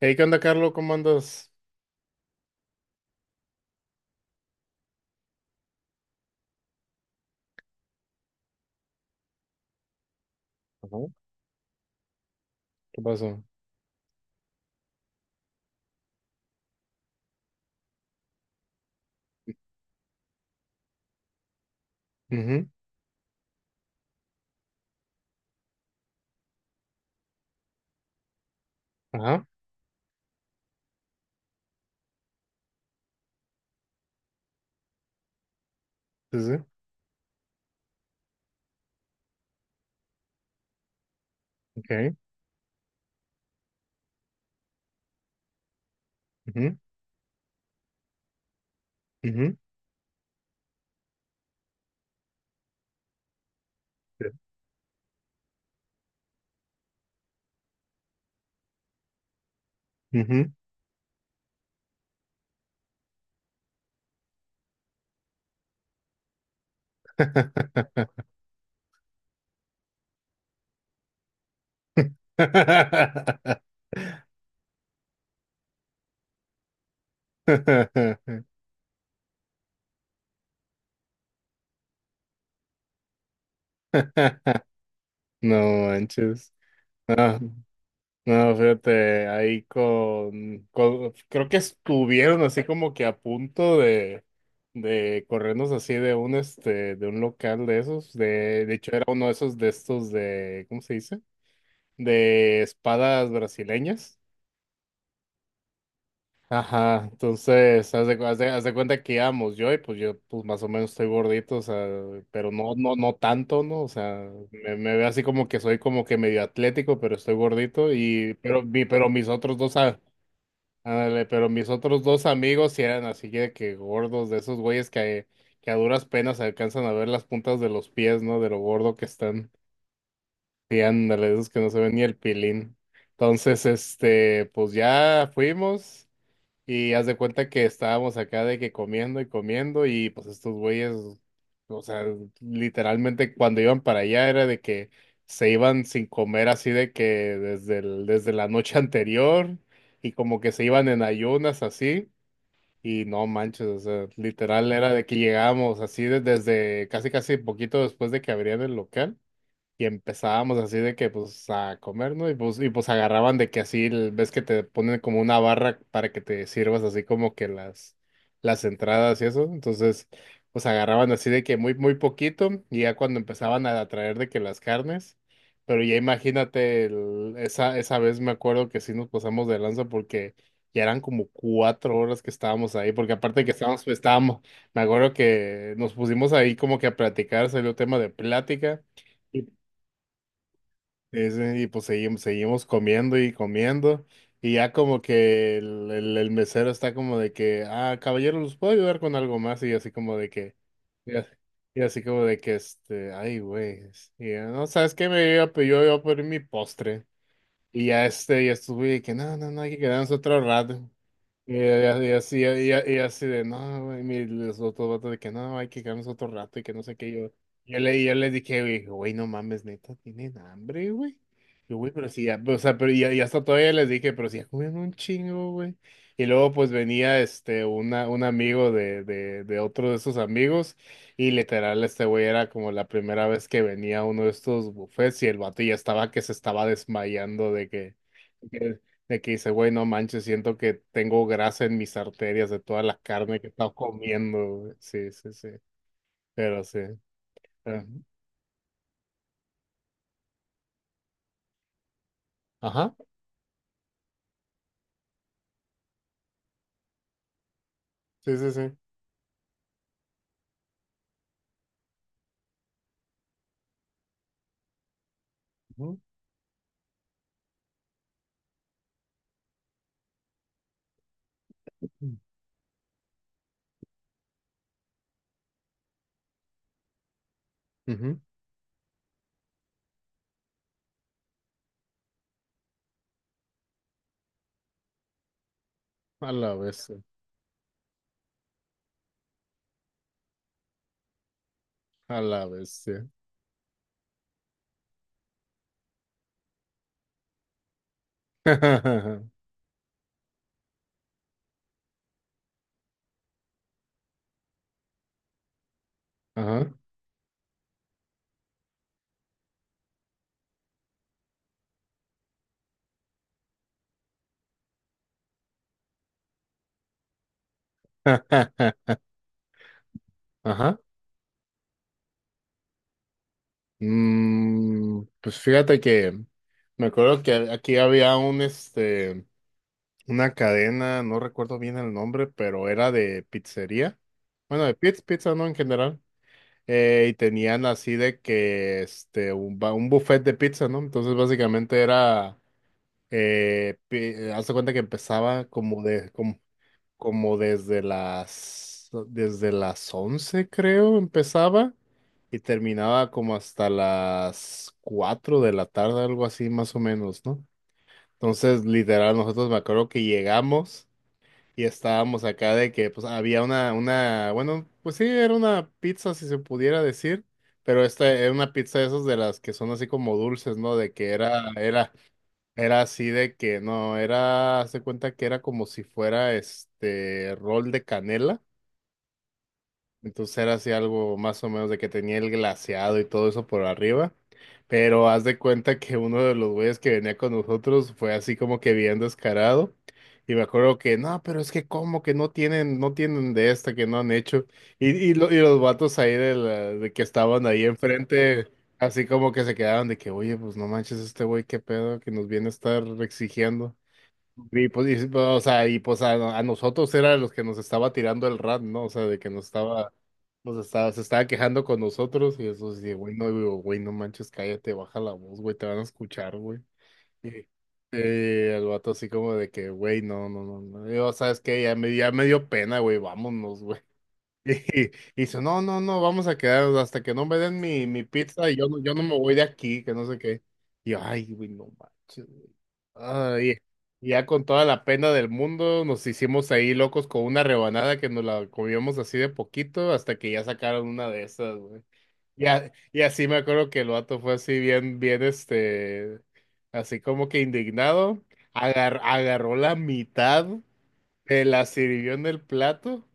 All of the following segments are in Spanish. Hey, ¿qué onda, Carlos? ¿Cómo andas? Ajá. ¿Qué pasó? Ujú. Ajá, sí, sí, ok. Ujú, ujú, sí, ujú. No manches. No, no, fíjate, ahí creo que estuvieron así como que a punto de corrernos así de un, de un local de esos, de hecho era uno de esos de estos de, ¿cómo se dice? De espadas brasileñas. Ajá, entonces, haz de, cu- haz de cuenta que íbamos yo y pues yo pues más o menos estoy gordito, o sea, pero no, no, no tanto, ¿no? O sea, me veo así como que soy como que medio atlético, pero estoy gordito y, pero mis otros dos, ándale, pero mis otros dos amigos sí eran así de que gordos, de esos güeyes que a duras penas alcanzan a ver las puntas de los pies, ¿no? De lo gordo que están. Sí, ándale, de esos que no se ven ni el pilín. Entonces, pues ya fuimos. Y haz de cuenta que estábamos acá de que comiendo y comiendo y pues estos güeyes, o sea, literalmente cuando iban para allá era de que se iban sin comer así de que desde la noche anterior, y como que se iban en ayunas así, y no manches, o sea, literal era de que llegábamos así desde casi casi poquito después de que abrían el local. Y empezábamos así de que pues a comer, ¿no? Y pues agarraban de que así, ves que te ponen como una barra para que te sirvas así como que las entradas y eso. Entonces, pues agarraban así de que muy, muy poquito, y ya cuando empezaban a traer de que las carnes. Pero ya imagínate, esa vez me acuerdo que sí nos pasamos de lanza porque ya eran como 4 horas que estábamos ahí, porque aparte de que estábamos, me acuerdo que nos pusimos ahí como que a platicar, salió tema de plática. Y pues seguimos comiendo y comiendo. Y ya como que el mesero está como de que, ah, caballero, ¿los puedo ayudar con algo más? Y así como de que, y as- y así, como de que, ay, güey. Y ya, no, ¿sabes qué? Me iba, a pe- yo iba a pedir mi postre. Y ya y estuve de que, no, no, no, hay que quedarnos otro rato. Y así de, no, güey, los otros vatos de que no, hay que quedarnos otro rato y que no sé qué. Yo les dije, güey, güey, no mames, neta, tienen hambre, güey. Yo, güey, pero sí, ya, o sea, pero ya, ya hasta todavía les dije, pero sí, ya comieron un chingo, güey. Y luego, pues venía un amigo de, de otro de esos amigos, y literal, este güey era como la primera vez que venía a uno de estos buffets, y el vato ya estaba que se estaba desmayando de que. De que dice, güey, no manches, siento que tengo grasa en mis arterias de toda la carne que he estado comiendo, güey". Sí, sí, sí. Pero sí. eh, Ajá. Sí, sí, sí. Ujú. Ujú. A la vez, a la vez, sí. Ajá. Ajá. Mm, pues fíjate que me acuerdo que aquí había una cadena, no recuerdo bien el nombre, pero era de pizzería. Bueno, de pizza, pizza, ¿no? En general. Y tenían así de que un buffet de pizza, ¿no? Entonces básicamente era haz de cuenta que empezaba como desde las 11 creo empezaba y terminaba como hasta las 4 de la tarde, algo así más o menos, ¿no? Entonces, literal, nosotros me acuerdo que llegamos y estábamos acá de que pues había bueno, pues sí, era una pizza si se pudiera decir, pero esta era una pizza de esas de las que son así como dulces, ¿no? De que era, era así de que no, haz de cuenta que era como si fuera este rol de canela. Entonces era así algo más o menos de que tenía el glaseado y todo eso por arriba. Pero haz de cuenta que uno de los güeyes que venía con nosotros fue así como que bien descarado. Y me acuerdo que, no, pero es que como que no tienen de esta, que no han hecho. Y los vatos ahí de que estaban ahí enfrente, así como que se quedaron de que, oye, pues no manches este güey, qué pedo que nos viene a estar exigiendo. Y pues, o sea, y pues a nosotros era los que nos estaba tirando el rat, ¿no? O sea, de que se estaba quejando con nosotros y eso sí, güey, no, digo, güey, no manches, cállate, baja la voz, güey, te van a escuchar, güey. Y, el vato así como de que, güey, no, no, no, no. Yo, ¿sabes qué? Ya me dio pena, güey, vámonos, güey. Y, y dice, no, no, no, vamos a quedarnos hasta que no me den mi pizza, y yo no, yo no me voy de aquí, que no sé qué. Y yo, ay, güey, no manches, güey. Ay, y ya con toda la pena del mundo nos hicimos ahí locos con una rebanada que nos la comíamos así de poquito hasta que ya sacaron una de esas, güey. Y así me acuerdo que el vato fue así bien, bien, así como que indignado, agarró la mitad, me la sirvió en el plato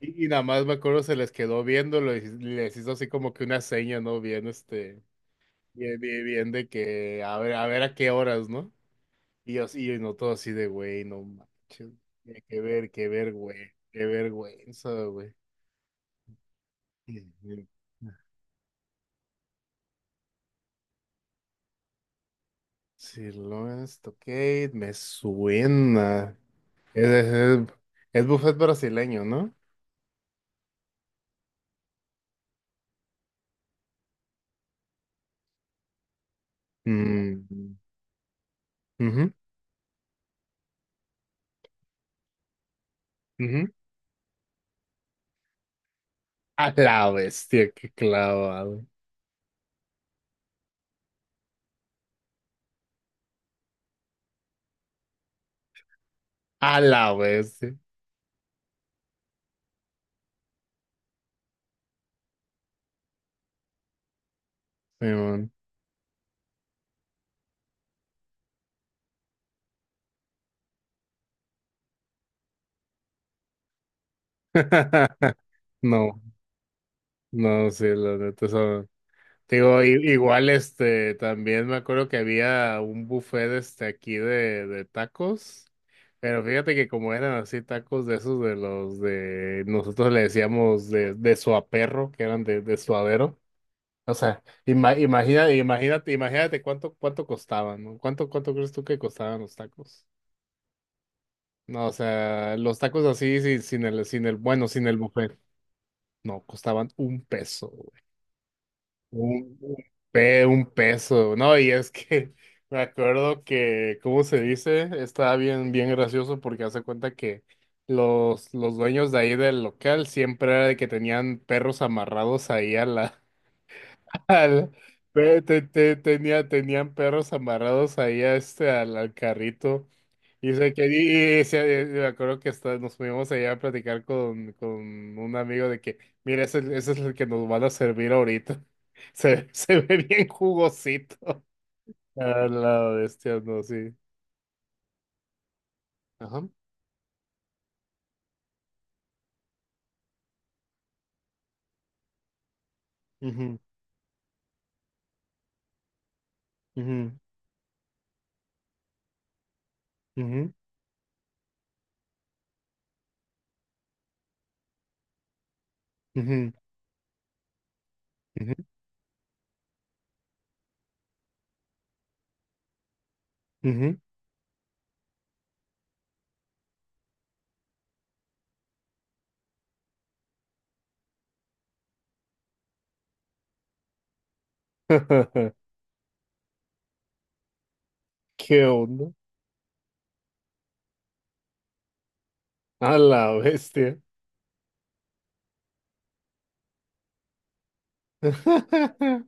y nada más me acuerdo se les quedó viendo, les hizo así como que una seña, ¿no? Bien, bien, bien, bien de que a ver, a ver a qué horas, ¿no? Y yo no todo así de, güey, no manches, qué ver, güey, qué vergüenza, güey. Y- y- Sí, Lawrence Tocate, me suena. Es, es, es buffet brasileño, ¿no? Mm, ujú, ujú. A la bestia, qué clavado. A la bestia. No, no, sí, la neta son. Digo, igual también me acuerdo que había un buffet aquí de tacos, pero fíjate que como eran así tacos de esos de los nosotros le decíamos de suaperro, que eran de suadero. O sea, imagínate cuánto costaban, ¿no? Cuánto crees tú que costaban los tacos? No, o sea, los tacos así sin, sin el, sin el, bueno, sin el buffet. No, costaban 1 peso. Un, un un peso, ¿no? Y es que me acuerdo que, ¿cómo se dice? Estaba bien, bien gracioso porque hace cuenta que los dueños de ahí del local siempre era de que tenían perros amarrados ahí a la. al- tenían perros amarrados ahí a al carrito. Y, sé que, y se- me acuerdo que hasta nos fuimos allá a platicar con un amigo de que, mira, ese es el que nos van a servir ahorita. Se ve bien jugosito. A la bestia, no, sí. Ajá. Ujú, ujú, ujú, ujú, ujú, ujú. ¿Qué onda? A la bestia.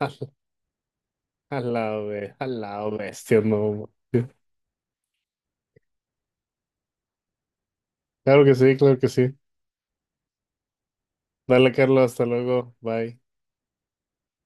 A a la bestia, no. Claro que sí, claro que sí. Dale, Carlos, hasta luego. Bye.